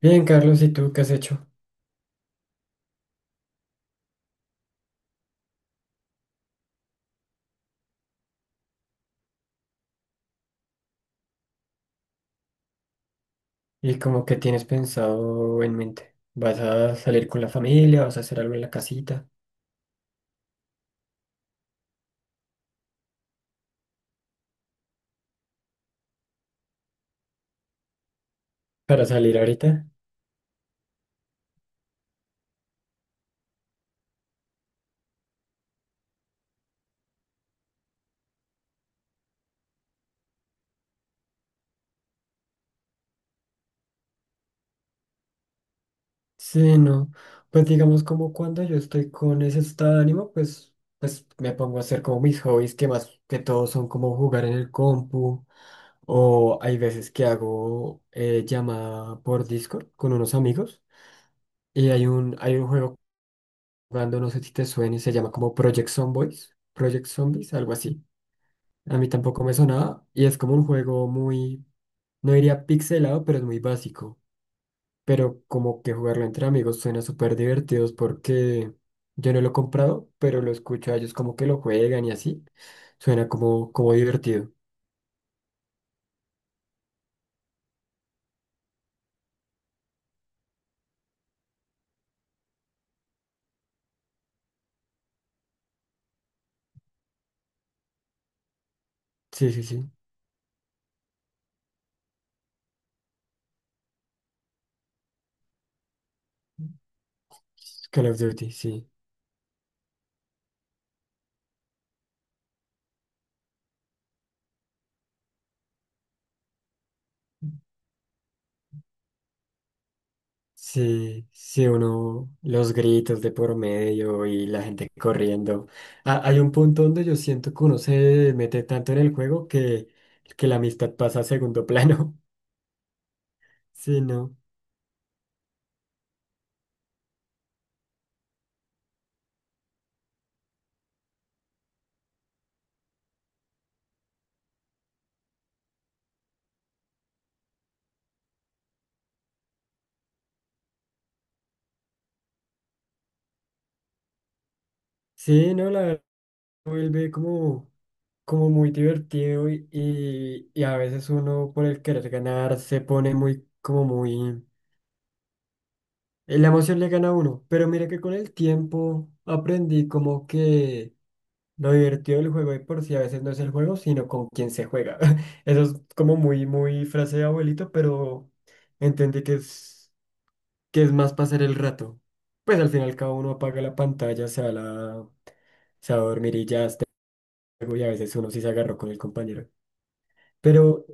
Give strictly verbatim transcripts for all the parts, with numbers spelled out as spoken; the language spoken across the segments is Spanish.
Bien, Carlos, ¿y tú qué has hecho? ¿Y como que tienes pensado en mente? ¿Vas a salir con la familia? ¿Vas a hacer algo en la casita? ¿Para salir ahorita? Sí, no. Pues digamos como cuando yo estoy con ese estado de ánimo, pues, pues me pongo a hacer como mis hobbies, que más que todo son como jugar en el compu, o hay veces que hago eh, llamada por Discord con unos amigos, y hay un, hay un juego jugando. No sé si te suene, se llama como Project Zomboys, Project Zombies, algo así. A mí tampoco me sonaba, y es como un juego muy, no diría pixelado, pero es muy básico. Pero como que jugarlo entre amigos suena súper divertido, porque yo no lo he comprado, pero lo escucho a ellos como que lo juegan y así. Suena como, como divertido. Sí, sí, sí. Call of Duty, sí. Sí, sí, uno, los gritos de por medio y la gente corriendo. Ah, hay un punto donde yo siento que uno se mete tanto en el juego que, que la amistad pasa a segundo plano. Sí, no. Sí, no, la verdad vuelve como, como muy divertido y, y, y a veces uno por el querer ganar se pone muy, como muy... eh, La emoción le gana a uno, pero mira que con el tiempo aprendí como que lo divertido del juego de por sí a veces no es el juego, sino con quien se juega. Eso es como muy, muy frase de abuelito, pero entendí que es, que es más pasar el rato. Pues al final cada uno apaga la pantalla, se va a la... se va a dormir, y ya juego. Y a veces uno sí se agarró con el compañero. Pero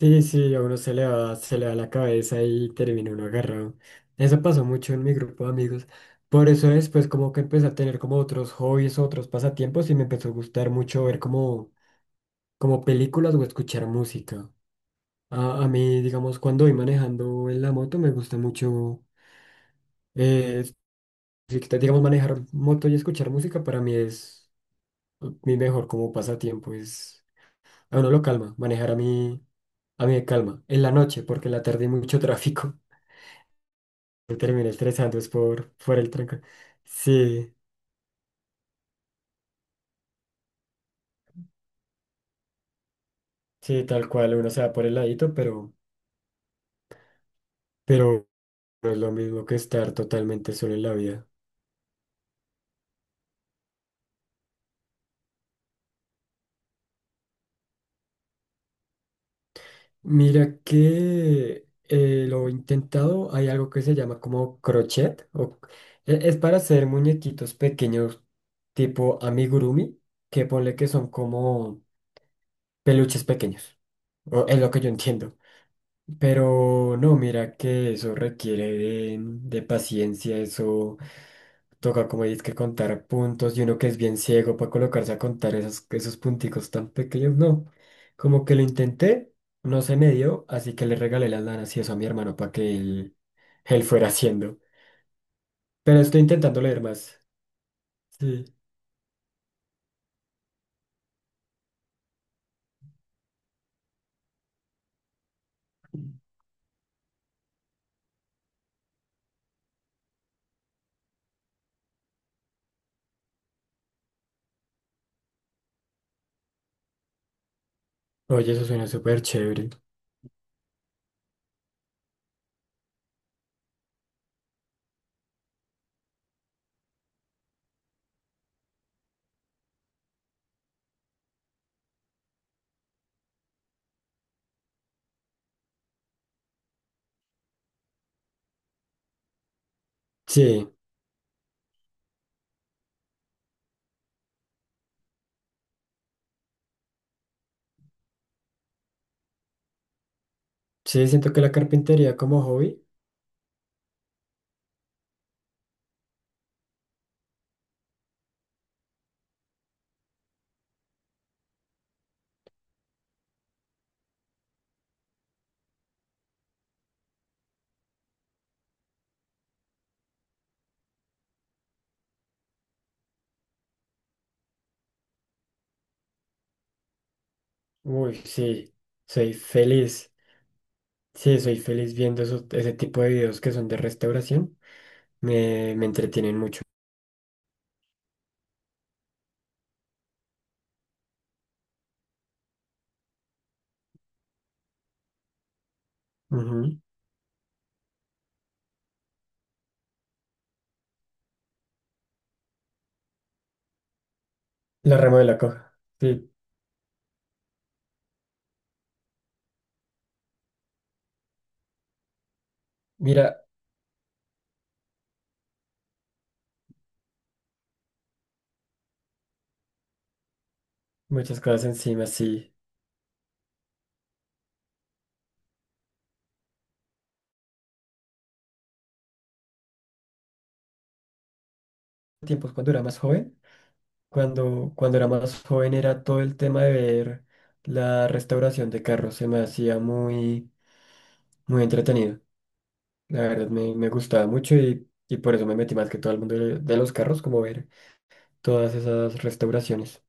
sí, sí, a uno se le va, se le va la cabeza y termina uno agarrado. Eso pasó mucho en mi grupo de amigos. Por eso después como que empecé a tener como otros hobbies, otros pasatiempos, y me empezó a gustar mucho ver como, como películas o escuchar música. A, a mí, digamos, cuando voy manejando en la moto me gusta mucho. eh, si quita- digamos, manejar moto y escuchar música para mí es mi mejor como pasatiempo. Es, a uno lo calma, manejar a mí. A mí me calma. En la noche, porque en la tarde hay mucho tráfico. Me terminé estresando es por, por el trancón. Sí, sí, tal cual, uno se va por el ladito, pero, pero no es lo mismo que estar totalmente solo en la vida. Mira que eh, lo he intentado, hay algo que se llama como crochet, o, e- es para hacer muñequitos pequeños tipo amigurumi, que ponle que son como peluches pequeños, o es lo que yo entiendo. Pero no, mira que eso requiere de, de paciencia. Eso toca como dices que contar puntos, y uno que es bien ciego para colocarse a contar esos, esos punticos tan pequeños, no. Como que lo intenté, no se me dio, así que le regalé las lanas y eso a mi hermano para que él, él fuera haciendo. Pero estoy intentando leer más. Sí. Oye, eso suena súper chévere. Sí, sí, siento que la carpintería como hobby, uy, sí, soy feliz. Sí, soy feliz viendo esos- ese tipo de videos que son de restauración. Me, me entretienen mucho. Ujú. La remodela coja. Sí, mira, muchas cosas encima, sí. Tiempos cuando era más joven. Cuando, cuando era más joven era todo el tema de ver la restauración de carros. Se me hacía muy, muy entretenido. La verdad me, me gustaba mucho, y, y por eso me metí más que todo el mundo de, de los carros, como ver todas esas restauraciones.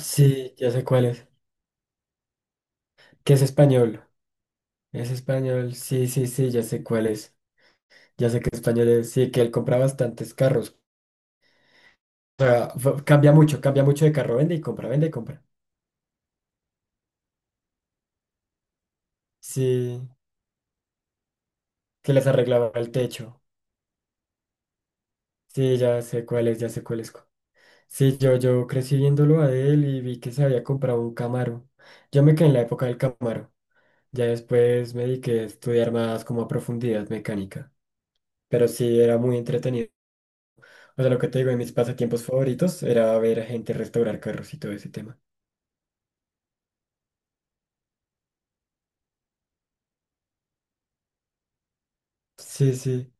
Sí, ya sé cuál es. Que es español. Es español, sí, sí, sí, ya sé cuál es. Ya sé que español es, sí, que él compra bastantes carros. O sea, fa- cambia mucho, cambia mucho de carro, vende y compra, vende y compra. Sí, que les arreglaba el techo. Sí, ya sé cuál es, ya sé cuál es. Cu- Sí, yo, yo crecí viéndolo a él y vi que se había comprado un Camaro. Yo me quedé en la época del Camaro. Ya después me dediqué a estudiar más como a profundidad mecánica. Pero sí, era muy entretenido. O sea, lo que te digo, de mis pasatiempos favoritos era ver a gente restaurar carros y todo ese tema. Sí, sí.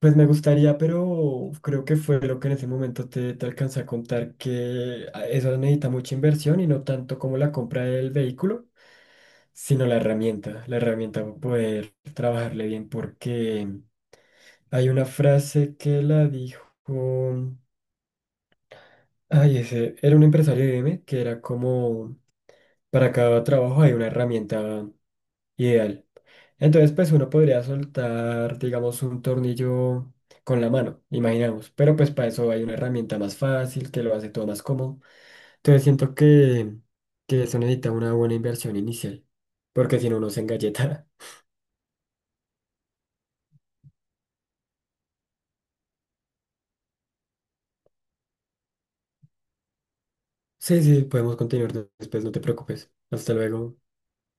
Pues me gustaría, pero creo que fue lo que en ese momento te, te alcancé a contar, que a- eso necesita mucha inversión, y no tanto como la compra del vehículo, sino la herramienta, la herramienta para poder trabajarle bien, porque hay una frase que la dijo, ay, ese, era un empresario de I B M que era como, para cada trabajo hay una herramienta ideal. Entonces, pues uno podría soltar, digamos, un tornillo con la mano, imaginamos. Pero pues para eso hay una herramienta más fácil que lo hace todo más cómodo. Entonces siento que, que eso necesita una buena inversión inicial, porque si no uno se engalleta. Sí, sí, podemos continuar después, no te preocupes. Hasta luego.